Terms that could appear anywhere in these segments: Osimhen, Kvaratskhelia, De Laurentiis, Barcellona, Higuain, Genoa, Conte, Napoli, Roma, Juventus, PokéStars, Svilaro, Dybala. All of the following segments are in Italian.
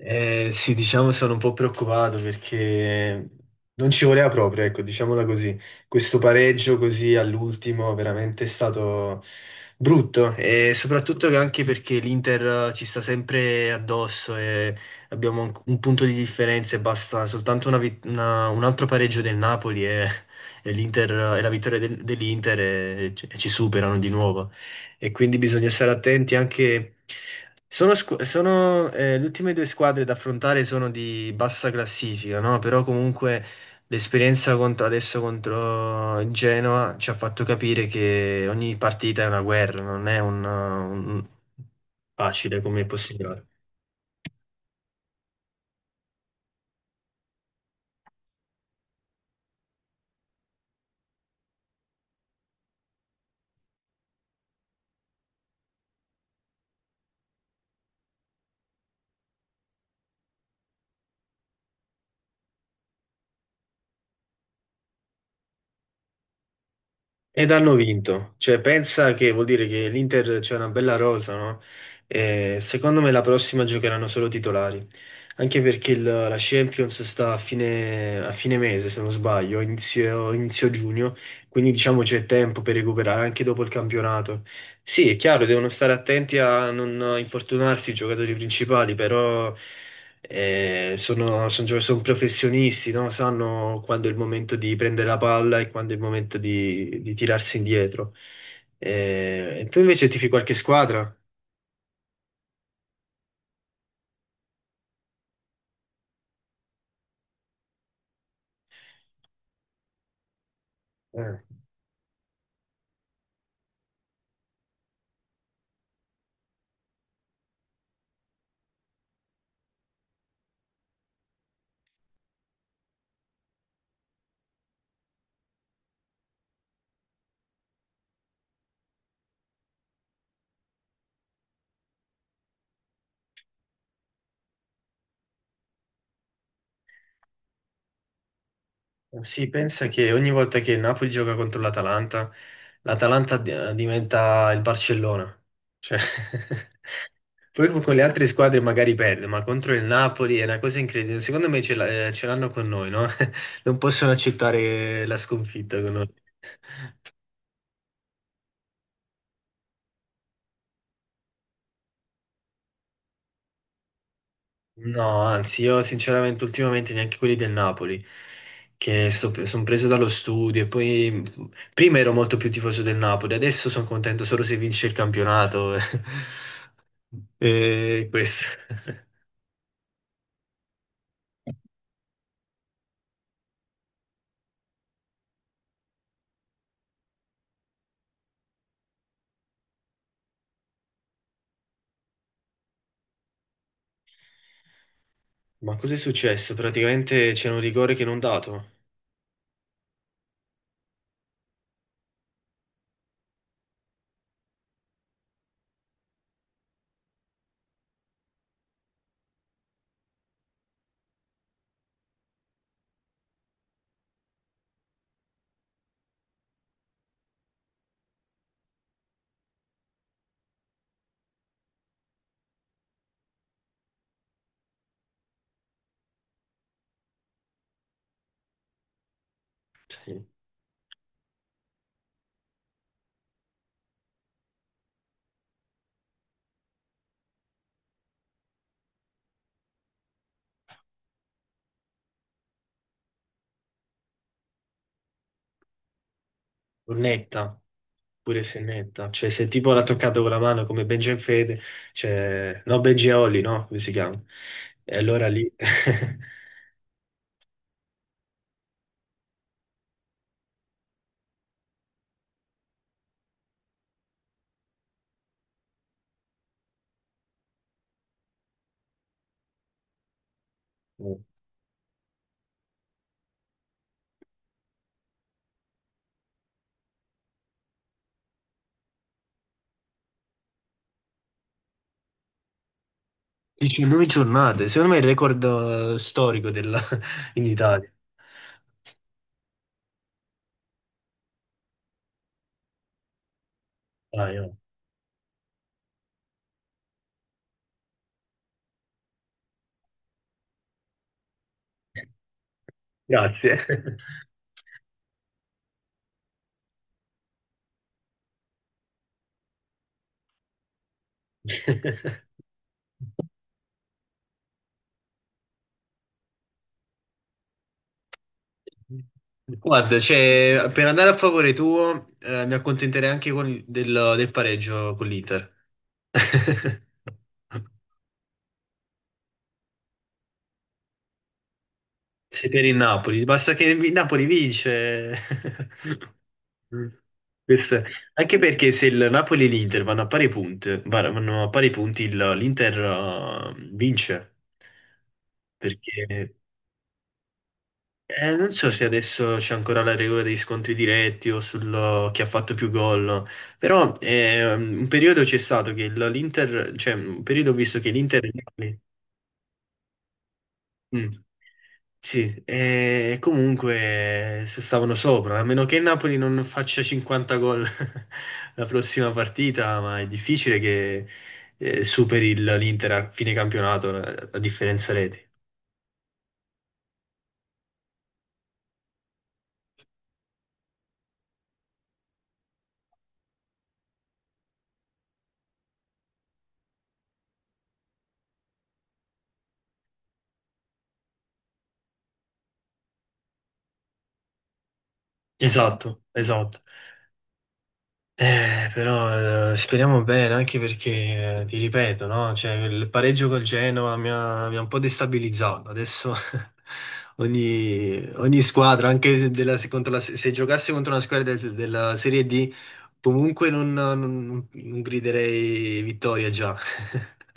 Sì, diciamo sono un po' preoccupato perché non ci voleva proprio, ecco, diciamola così. Questo pareggio così all'ultimo veramente è stato brutto e soprattutto che anche perché l'Inter ci sta sempre addosso e abbiamo un punto di differenza e basta soltanto un altro pareggio del Napoli e l'Inter, e la vittoria dell'Inter e ci superano di nuovo e quindi bisogna stare attenti anche. Sono le ultime due squadre da affrontare sono di bassa classifica, no? Però comunque l'esperienza adesso contro il Genoa ci ha fatto capire che ogni partita è una guerra, non è facile come possibilità. Ed hanno vinto, cioè pensa che vuol dire che l'Inter c'è una bella rosa, no? E secondo me la prossima giocheranno solo titolari, anche perché la Champions sta a fine mese, se non sbaglio, inizio giugno, quindi diciamo c'è tempo per recuperare anche dopo il campionato. Sì, è chiaro, devono stare attenti a non infortunarsi i giocatori principali, però son professionisti, no? Sanno quando è il momento di prendere la palla e quando è il momento di tirarsi indietro. E tu invece tifi qualche squadra? Eh, Sì, pensa che ogni volta che il Napoli gioca contro l'Atalanta, l'Atalanta diventa il Barcellona. Cioè, poi con le altre squadre magari perde, ma contro il Napoli è una cosa incredibile. Secondo me ce l'hanno con noi, no? Non possono accettare la sconfitta con noi. No, anzi, io sinceramente ultimamente neanche quelli del Napoli, che sono preso dallo studio e poi prima ero molto più tifoso del Napoli, adesso sono contento solo se vince il campionato. E questo. Ma cos'è successo? Praticamente c'è un rigore che non dato. Sì. Netta, pure se netta, cioè se tipo l'ha toccato con la mano come Benjen Fede, cioè no Benji e Olli, no? Come si chiama? E allora lì. 19 giornate, secondo me è il record storico in Italia. Dai, oh. Grazie. Guarda, cioè, per andare a favore tuo, mi accontenterei anche del pareggio con l'Inter. Sei per il Napoli, basta che il Napoli vince. Questo è- Anche perché se il Napoli e l'Inter vanno a pari punti, l'Inter vince. Perché non so se adesso c'è ancora la regola degli scontri diretti o sul chi ha fatto più gol, no. Però un periodo c'è stato che l'Inter, cioè un periodo ho visto che l'Inter. Mm. Sì, e comunque se stavano sopra, a meno che il Napoli non faccia 50 gol la prossima partita, ma è difficile che superi l'Inter a fine campionato, la differenza reti. Esatto, esatto. Però speriamo bene, anche perché, ti ripeto, no? Cioè, il pareggio col Genoa mi ha un po' destabilizzato. Adesso ogni squadra, anche se, della- se contro la- se giocasse contro una squadra della Serie D, comunque non griderei vittoria già.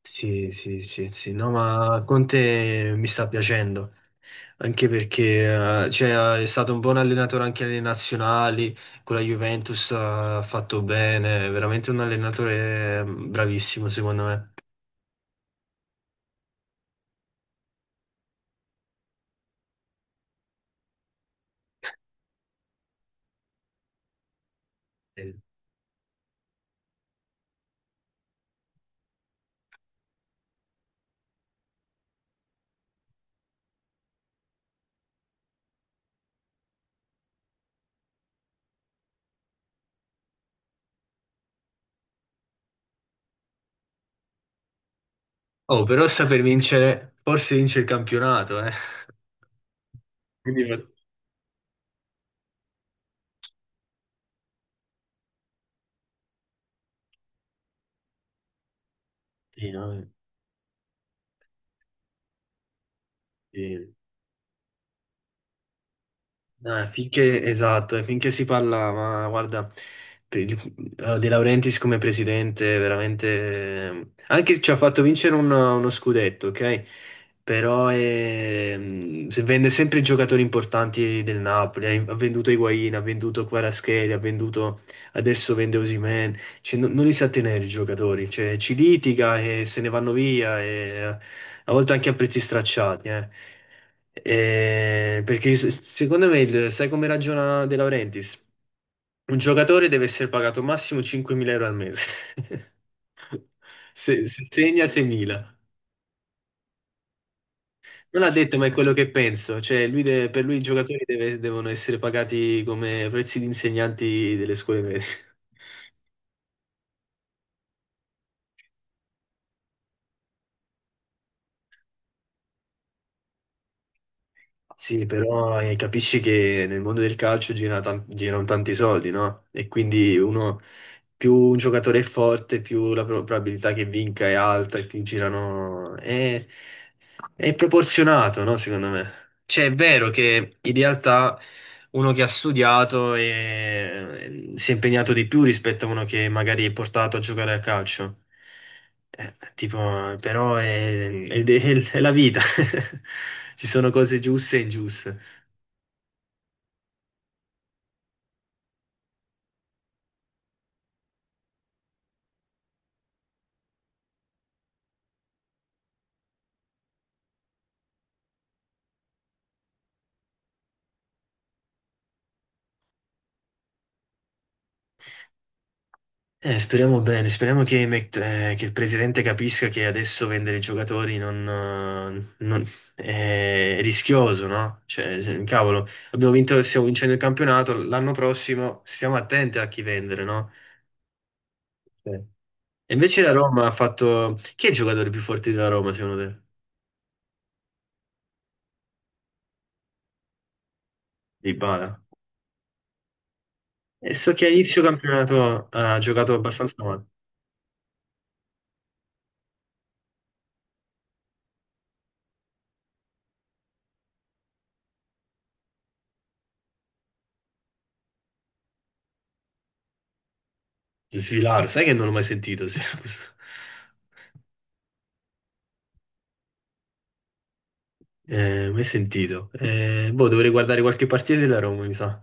Sì, sì, sì, sì, no, ma Conte mi sta piacendo. Anche perché cioè, è stato un buon allenatore anche alle nazionali, con la Juventus ha fatto bene, è veramente un allenatore bravissimo secondo me. Eh, Oh, però sta per vincere, forse vince il campionato, eh. Quindi, sì, no? Sì. Finché, esatto, e finché si parla, ma guarda, per De Laurentiis come presidente, veramente, anche se ci ha fatto vincere uno scudetto, ok? Però se vende sempre i giocatori importanti del Napoli, ha venduto Higuain, ha venduto Kvaratskhelia, ha venduto, adesso vende Osimhen, cioè, non li sa tenere i giocatori, cioè, ci litiga e se ne vanno via e a volte anche a prezzi stracciati, eh. Perché secondo me, sai come ragiona De Laurentiis? Un giocatore deve essere pagato massimo 5.000 euro al mese. Se segna 6.000. Non ha detto, ma è quello che penso. Cioè, lui per lui i giocatori devono essere pagati come prezzi di insegnanti delle scuole medie. Sì, però capisci che nel mondo del calcio girano tanti soldi, no? E quindi uno, più un giocatore è forte, più la probabilità che vinca è alta e più girano. È proporzionato, no? Secondo me. Cioè, è vero che in realtà uno che ha studiato si è impegnato di più rispetto a uno che magari è portato a giocare a calcio. Tipo, però è la vita. Ci sono cose giuste e ingiuste. Speriamo bene, speriamo che il presidente capisca che adesso vendere i giocatori non è rischioso, no? Cioè, cavolo, abbiamo vinto, stiamo vincendo il campionato, l'anno prossimo stiamo attenti a chi vendere, no? Cioè. E invece la Roma ha fatto. Chi è il giocatore più forte della Roma, secondo te? Dybala. E so che a inizio campionato ha giocato abbastanza male. Il Svilaro, sai che non l'ho mai sentito? Sì, questo- Mai sentito. Boh, dovrei guardare qualche partita della Roma, mi sa.